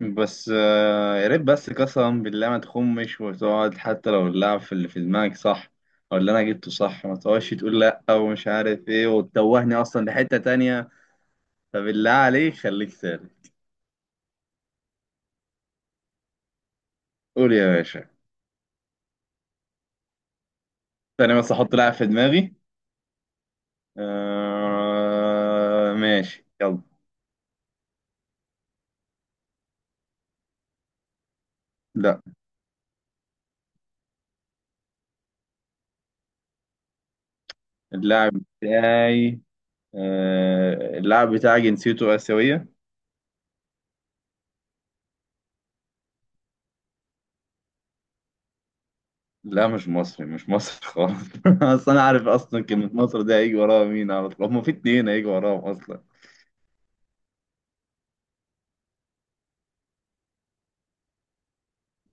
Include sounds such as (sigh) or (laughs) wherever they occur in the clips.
بس يا ريت بس قسما بالله ما تخمش وتقعد حتى لو اللعب في اللي في دماغك صح، او اللي انا جبته صح. ما تقعدش تقول لا ومش عارف ايه وتتوهني اصلا لحتة تانية. فبالله عليك خليك سالك. قول يا باشا. تاني بس احط لاعب في دماغي. آه ماشي يلا. لا. اللاعب بتاعي اللاعب بتاعي جنسيته آسيوية. لا مش مصري، مش مصري خالص. (laughs) اصل انا عارف اصلا كلمة مصر ده هيجي وراها مين على طول، هما في اتنين هيجي وراهم اصلا.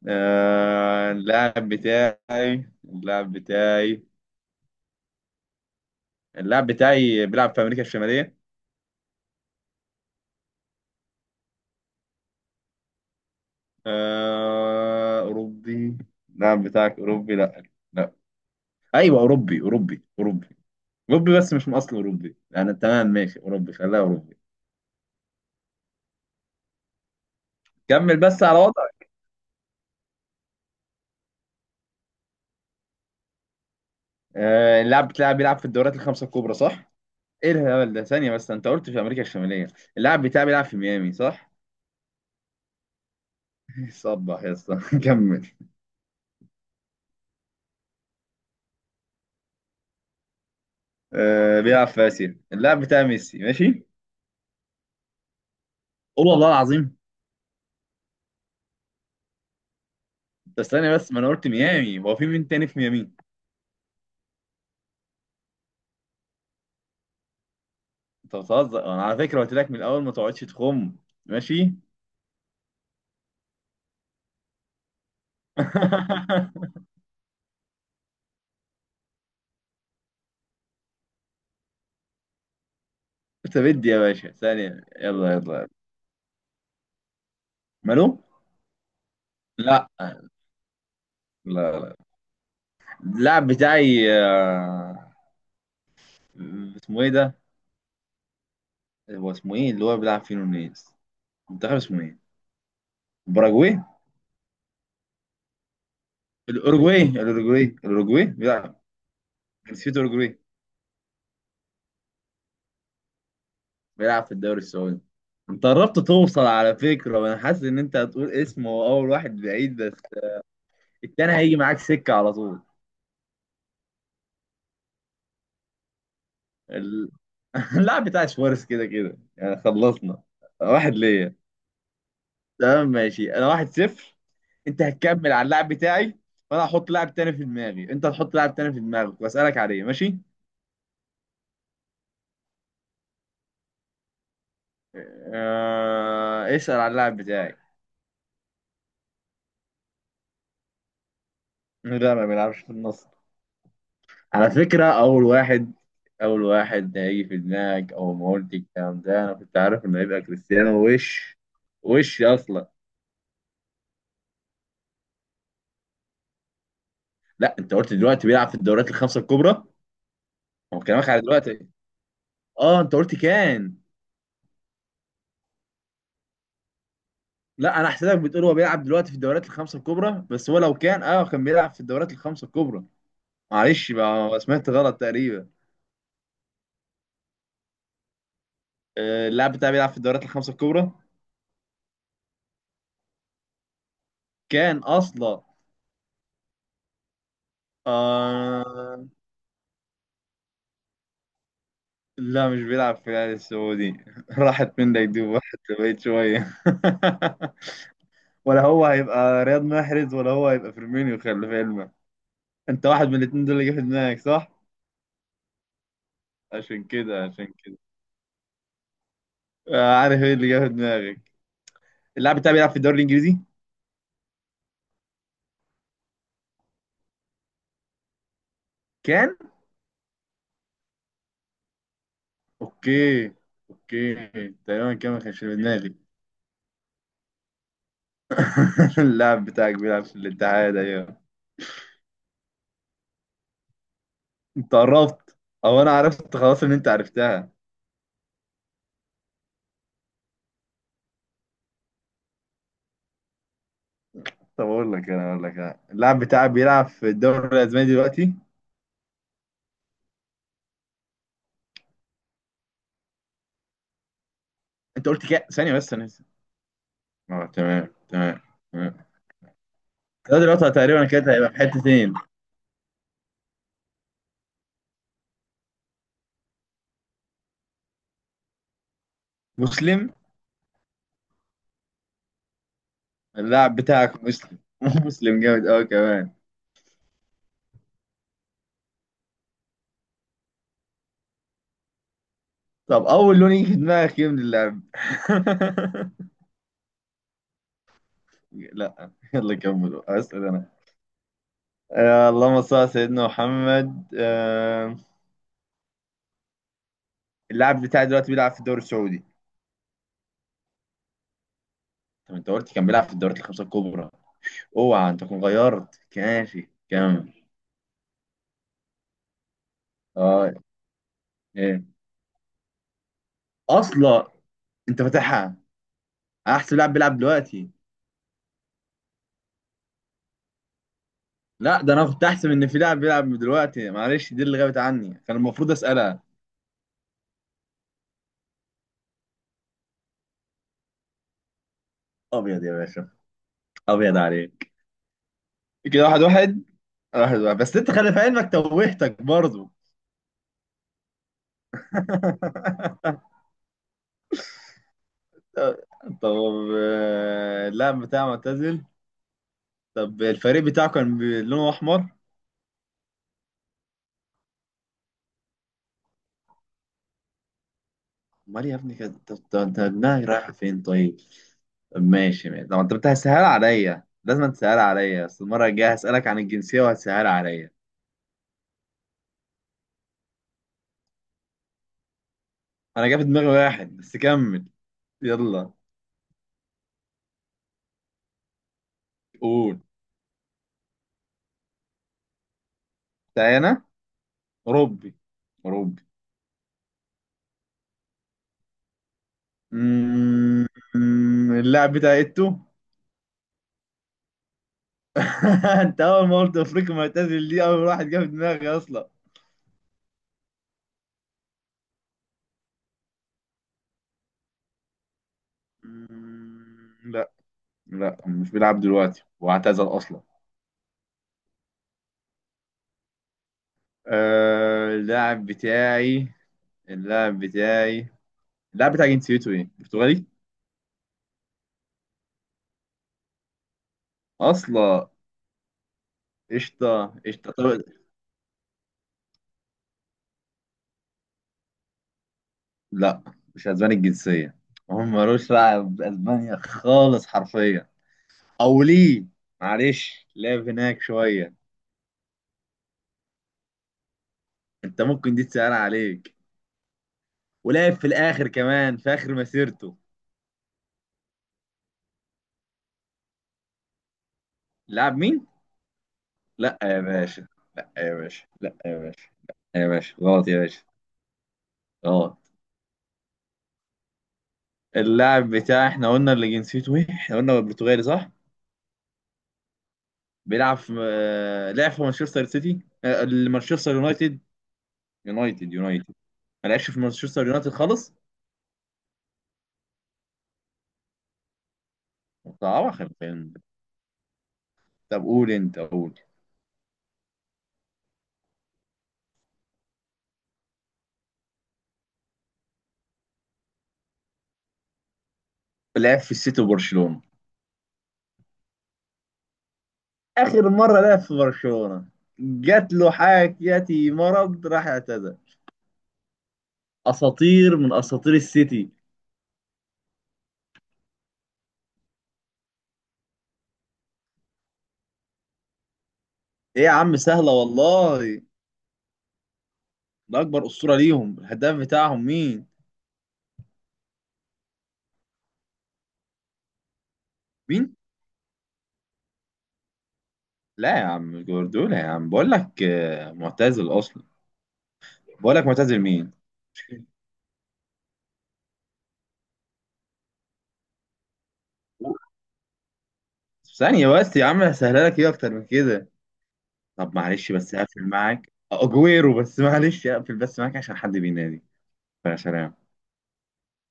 آه اللاعب بتاعي اللاعب بتاعي اللاعب بتاعي بيلعب في امريكا الشمالية. آه اوروبي. اللاعب بتاعك اوروبي، لا. لا. ايوه اوروبي اوروبي اوروبي. اوروبي بس مش من اصل اوروبي يعني. تمام ماشي اوروبي، خليها اوروبي. كمل بس على وضعك. اللاعب بتاعي بيلعب في الدوريات الخمسة الكبرى صح؟ ايه الهبل ده؟ ثانية بس، انت قلت في امريكا الشمالية. اللاعب بتاعي بيلعب في ميامي صح؟ (laughs) صبح يا اسطى. (laughs) كمل. آه بيلعب في اسيا. اللاعب بتاعي ميسي ماشي؟ قول والله العظيم. بس ثانية بس، ما انا قلت ميامي، هو في مين تاني في ميامي؟ انت بتهزر، انا على فكرة قلت لك من الاول ما تقعدش تخم، ماشي؟ (laughs) انت بدي يا باشا ثانية. يلا يلا يلا. مالو؟ لا لا لا. اللاعب بتاعي آه اسمه ايه ده؟ هو اسمه ايه اللي هو بيلعب فيه نونيز؟ منتخب اسمه ايه؟ باراجواي. الاوروجواي الاوروجواي الاوروجواي بيلعب. جنسيته اوروجواي. بيلعب في الدوري السعودي. انت قربت توصل على فكره، وانا حاسس ان انت هتقول اسمه، هو اول واحد بعيد بس التاني هيجي معاك سكه على طول. ال... (laughs) اللاعب بتاع شوارز كده كده يعني، خلصنا. واحد ليا. تمام ماشي، انا 1-0. انت هتكمل على اللاعب بتاعي. وانا هحط لاعب تاني في دماغي، انت هتحط لاعب تاني في دماغك واسالك عليه، ماشي. اسال على اللاعب بتاعي. لا ما بيلعبش في النص. على فكرة، أول واحد هيجي في دماغك أول ما قلت الكلام ده، أنا كنت عارف إنه هيبقى كريستيانو. وش أصلا. لا أنت قلت دلوقتي بيلعب في الدوريات الخمسة الكبرى. هو كلامك على دلوقتي. أه أنت قلت كان. لا أنا حسيتك بتقول هو بيلعب دلوقتي في الدوريات الخمسة الكبرى، بس هو لو كان بيلعب في الدوريات الخمسة الكبرى. معلش بقى، سمعت غلط تقريبا. اللاعب بتاعي بيلعب في الدوريات الخمسة الكبرى. كان أصلا. آه لا، مش بيلعب في الأهلي السعودي. (laughs) راحت من دايدوب، واحد بقيت شوية. (laughs) ولا هو هيبقى رياض محرز، ولا هو هيبقى فيرمينيو، خلي في علمك. انت واحد من الاتنين دول اللي جه في دماغك، صح؟ عشان كده عشان كده. عارف ايه اللي جه في دماغك. اللاعب بتاعي بيلعب في الدوري الإنجليزي؟ كان؟ اوكي اوكي. تقريبا كان، ما كانش في دماغي. (laughs) اللاعب بتاعك بيلعب في الاتحاد ايوه. انت قربت. او انا عرفت خلاص ان انت عرفتها. طب اقول لك انا، اقول لك أنا. اللاعب بتاعك بيلعب في الدوري الاسباني دلوقتي. انت قلت كام ثانيه بس، انا لسه. اه تمام تمام تمام. ده دلوقتي تقريبا كده هيبقى في حتتين. مسلم. اللاعب بتاعك مسلم. (laughs) مسلم جامد قوي كمان. طب اول لون يجي في دماغك ايه من اللعب؟ (laughs) لا يلا كمل، اسال انا. اللهم صل على سيدنا محمد. اللاعب بتاعي دلوقتي بيلعب في الدوري السعودي. طب انت قلت كان بيلعب في الدوريات الخمسه الكبرى. اوعى انت تكون غيرت، ماشي كمل. اه ايه اصلا؟ انت فاتحها. انا احسب لاعب بيلعب دلوقتي. لا ده انا كنت احسب ان في لاعب بيلعب دلوقتي، معلش دي اللي غابت عني، كان المفروض اسالها. ابيض يا باشا، ابيض عليك. كده 1-1. واحد واحد بس انت خلي في علمك توهتك برضو. (laughs) طب. اللاعب بتاعه معتزل. طب الفريق بتاعه كان لونه احمر. امال يا ابني كده؟ طب طب انت دماغك رايحه فين طيب. طب ماشي ماشي طب، انت بتسهل عليا، لازم تسهل عليا، بس المره الجايه هسالك عن الجنسيه وهتسهل عليا. انا جاب في دماغي واحد بس كمل. يلا قول. تعالى. اوروبي. اوروبي. مم، اللاعب بتاع ايتو. (laughs) انت اول ما قلت افريقيا معتزل، دي اول واحد جه في دماغي اصلا. مم، لا. لا مش بيلعب دلوقتي واعتزل اصلا. آه اللاعب بتاعي اللاعب بتاعي اللاعب بتاع جنسيته ايه؟ برتغالي اصلا. قشطه قشطه طب. لا مش اسباني الجنسيه. هم ملوش دعوه باسبانيا خالص حرفيا. او ليه؟ معلش لعب هناك شويه. انت ممكن دي تسأل عليك. ولعب في الاخر كمان في اخر مسيرته. لعب مين؟ لا يا باشا، لا يا باشا، لا يا باشا، لا يا باشا غلط يا باشا. غلط. اللاعب بتاع احنا قلنا اللي جنسيته ايه، احنا قلنا برتغالي، صح. بيلعب في لعب في مانشستر سيتي، مانشستر يونايتد. يونايتد يونايتد. ما لعبش في مانشستر يونايتد خالص. صعب خلي بالك. طب قول، انت قول. لعب في السيتي وبرشلونة. اخر مرة لعب في برشلونة، جات له حاجتي مرض، راح اعتزل. اساطير من اساطير السيتي. ايه يا عم سهلة والله. ده اكبر اسطورة ليهم، الهداف بتاعهم مين؟ مين؟ لا يا عم جوارديولا يا عم، بقول لك معتزل اصلا. بقول لك معتزل مين. ثانية بس يا عم، هسهلها لك، ايه اكتر من كده. طب معلش بس هقفل معاك، اجويرو بس معلش، اقفل بس معاك عشان حد بينادي. فسلام.